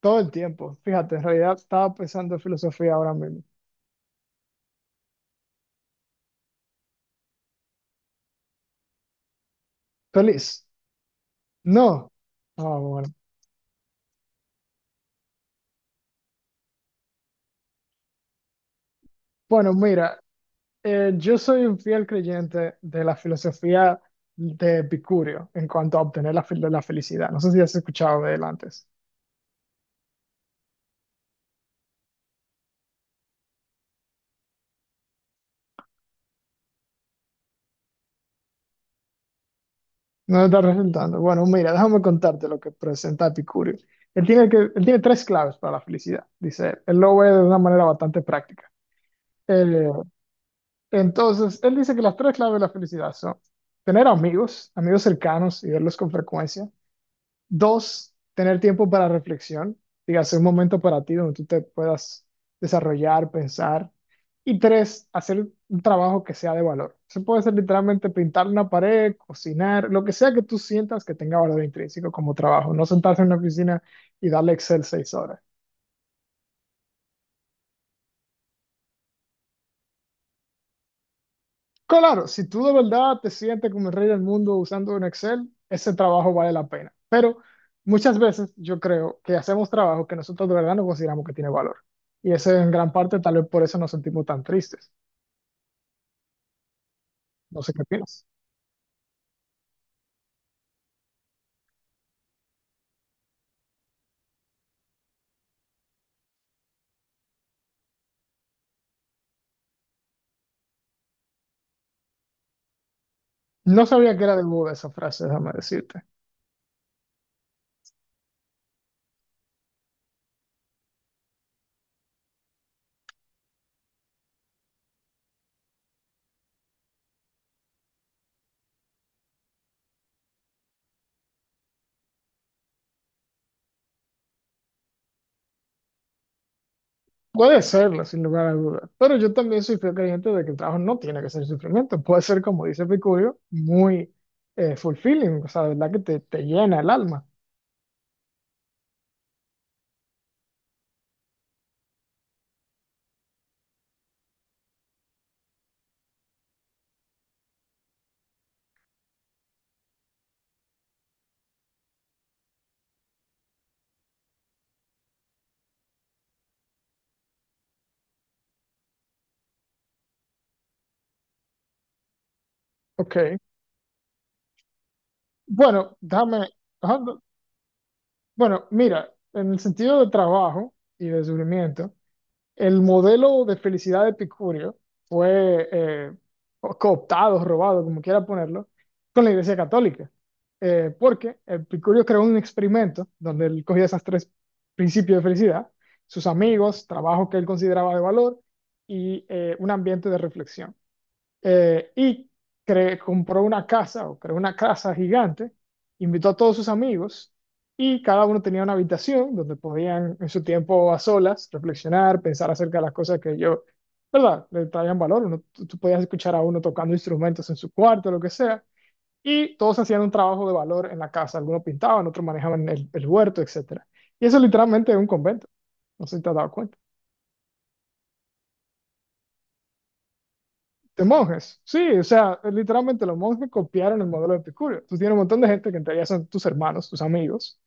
Todo el tiempo. Fíjate, en realidad estaba pensando en filosofía ahora mismo. ¿Feliz? No. Ah, bueno. Bueno, mira, yo soy un fiel creyente de la filosofía de Epicurio en cuanto a obtener la felicidad. No sé si has escuchado de él antes. No te está resultando. Bueno, mira, déjame contarte lo que presenta Epicurio. Él tiene tres claves para la felicidad, dice él. Él lo ve de una manera bastante práctica. Eh, Entonces, él dice que las tres claves de la felicidad son tener amigos, amigos cercanos y verlos con frecuencia. Dos, tener tiempo para reflexión, dígase un momento para ti donde tú te puedas desarrollar, pensar. Y tres, hacer un trabajo que sea de valor. Eso puede ser literalmente pintar una pared, cocinar, lo que sea que tú sientas que tenga valor intrínseco como trabajo. No sentarse en una oficina y darle Excel 6 horas. Claro, si tú de verdad te sientes como el rey del mundo usando un Excel, ese trabajo vale la pena. Pero muchas veces yo creo que hacemos trabajo que nosotros de verdad no consideramos que tiene valor. Y eso es en gran parte tal vez por eso nos sentimos tan tristes. No sé qué opinas. No sabía que era de Buda esa frase, déjame decirte. Puede serlo, sin lugar a dudas. Pero yo también soy fiel creyente de que el trabajo no tiene que ser sufrimiento. Puede ser, como dice Picurio, muy fulfilling, o sea, de verdad que te llena el alma. Ok. Bueno, déjame. Ajá. Bueno, mira, en el sentido de trabajo y de sufrimiento, el modelo de felicidad de Epicurio fue o cooptado, robado, como quiera ponerlo, con la Iglesia Católica. Porque Epicurio creó un experimento donde él cogía esos tres principios de felicidad, sus amigos, trabajo que él consideraba de valor y un ambiente de reflexión eh, y compró una casa o creó una casa gigante, invitó a todos sus amigos y cada uno tenía una habitación donde podían en su tiempo a solas reflexionar, pensar acerca de las cosas que yo, ¿verdad?, le traían valor. Uno, tú podías escuchar a uno tocando instrumentos en su cuarto, lo que sea. Y todos hacían un trabajo de valor en la casa. Algunos pintaban, otros manejaban el huerto, etcétera. Y eso literalmente es un convento. No sé si te has dado cuenta. De monjes, sí, o sea, literalmente los monjes copiaron el modelo de Epicurio. Tú tienes un montón de gente que en teoría son tus hermanos, tus amigos,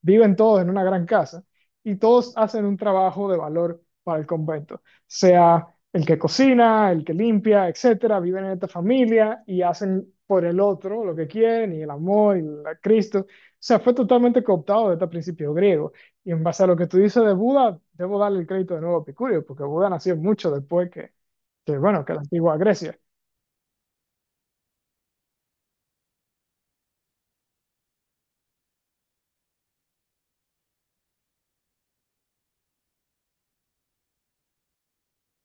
viven todos en una gran casa y todos hacen un trabajo de valor para el convento, sea el que cocina, el que limpia, etcétera, viven en esta familia y hacen por el otro lo que quieren y el amor y el Cristo. O sea, fue totalmente cooptado de este principio griego. Y en base a lo que tú dices de Buda, debo darle el crédito de nuevo a Epicurio, porque Buda nació mucho después que bueno, que la antigua Grecia.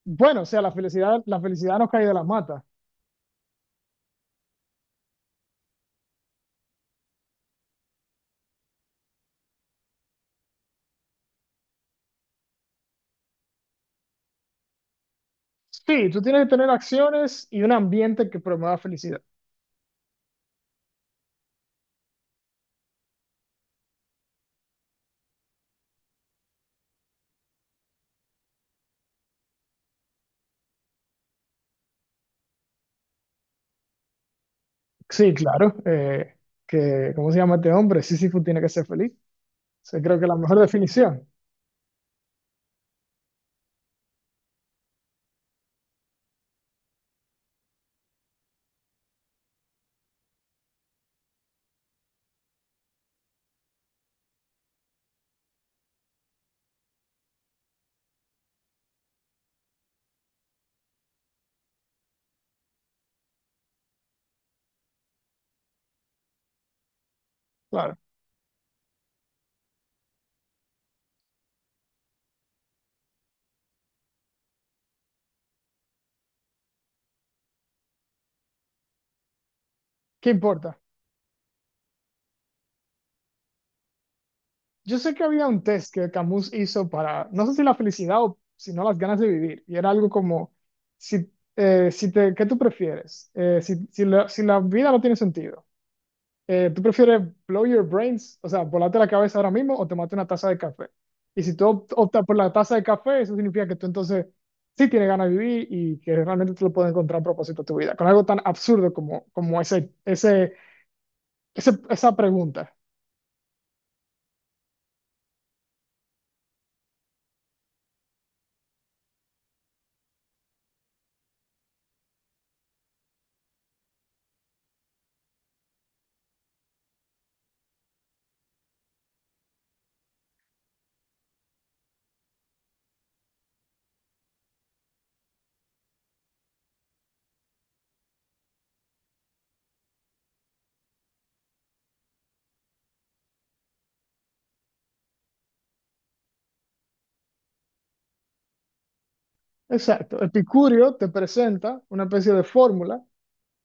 Bueno, o sea, la felicidad no cae de las matas. Sí, tú tienes que tener acciones y un ambiente que promueva felicidad. Sí, claro. ¿Cómo se llama este hombre? Sísifo tiene que ser feliz. O sea, creo que la mejor definición. Claro. ¿Qué importa? Yo sé que había un test que Camus hizo para, no sé si la felicidad o si no las ganas de vivir. Y era algo como, si, si te, ¿qué tú prefieres? Si la vida no tiene sentido. ¿Tú prefieres blow your brains, o sea, volarte la cabeza ahora mismo o tomarte una taza de café? Y si tú optas por la taza de café, eso significa que tú entonces sí tienes ganas de vivir y que realmente tú lo puedes encontrar a propósito de tu vida, con algo tan absurdo como, como esa pregunta. Exacto. Epicurio te presenta una especie de fórmula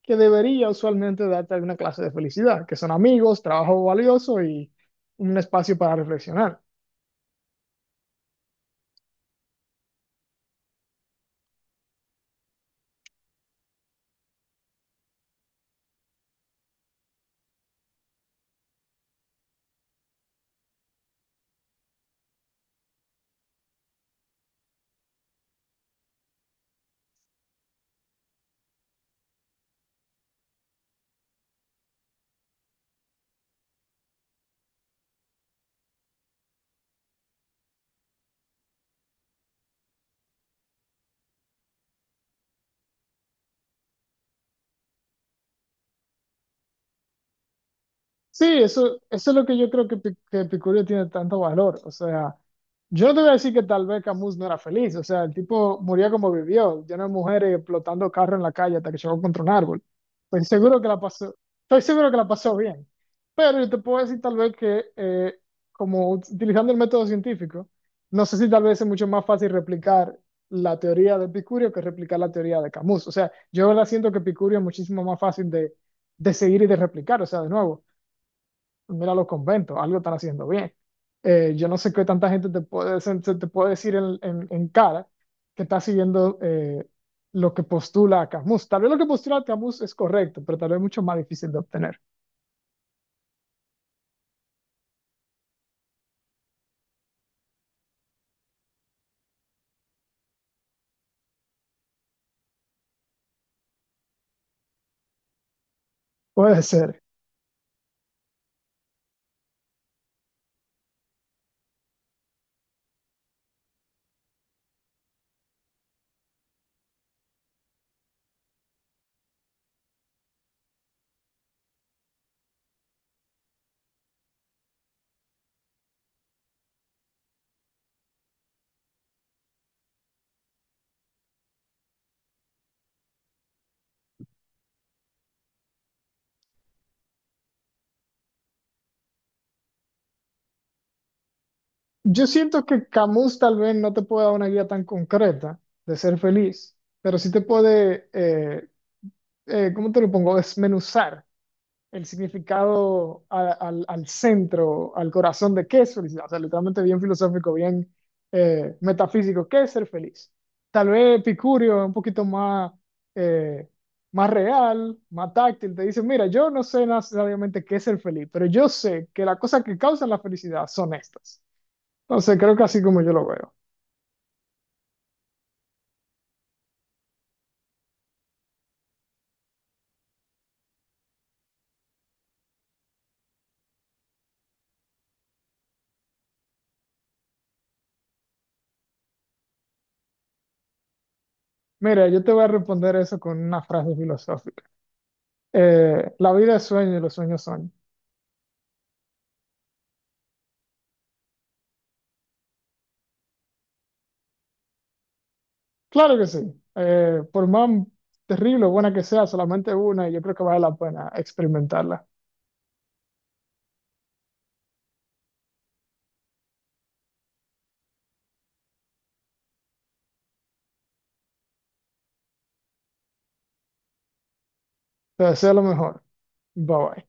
que debería usualmente darte alguna clase de felicidad, que son amigos, trabajo valioso y un espacio para reflexionar. Sí, eso es lo que yo creo que Epicurio tiene tanto valor. O sea, yo no te voy a decir que tal vez Camus no era feliz. O sea, el tipo murió como vivió, lleno de mujeres explotando carros en la calle hasta que chocó contra un árbol. Estoy seguro que la pasó, Estoy seguro que la pasó bien. Pero yo te puedo decir tal vez que, como utilizando el método científico, no sé si tal vez es mucho más fácil replicar la teoría de Epicurio que replicar la teoría de Camus. O sea, yo la siento que Epicurio es muchísimo más fácil de seguir y de replicar. O sea, de nuevo mira los conventos, algo están haciendo bien. Yo no sé qué tanta gente te puede, se te puede decir en, en cara que está siguiendo lo que postula Camus. Tal vez lo que postula Camus es correcto, pero tal vez mucho más difícil de obtener. Puede ser. Yo siento que Camus tal vez no te puede dar una guía tan concreta de ser feliz, pero sí te puede, ¿cómo te lo pongo? Desmenuzar el significado al centro, al corazón de qué es felicidad. O sea, literalmente bien filosófico, bien metafísico, qué es ser feliz. Tal vez Epicurio es un poquito más, eh, más real, más táctil. Te dice, mira, yo no sé necesariamente qué es ser feliz, pero yo sé que las cosas que causan la felicidad son estas. Entonces, creo que así como yo lo veo. Mira, yo te voy a responder eso con una frase filosófica. La vida es sueño y los sueños son. Claro que sí. Por más terrible o buena que sea, solamente una, y yo creo que vale la pena experimentarla. Te deseo lo mejor. Bye bye.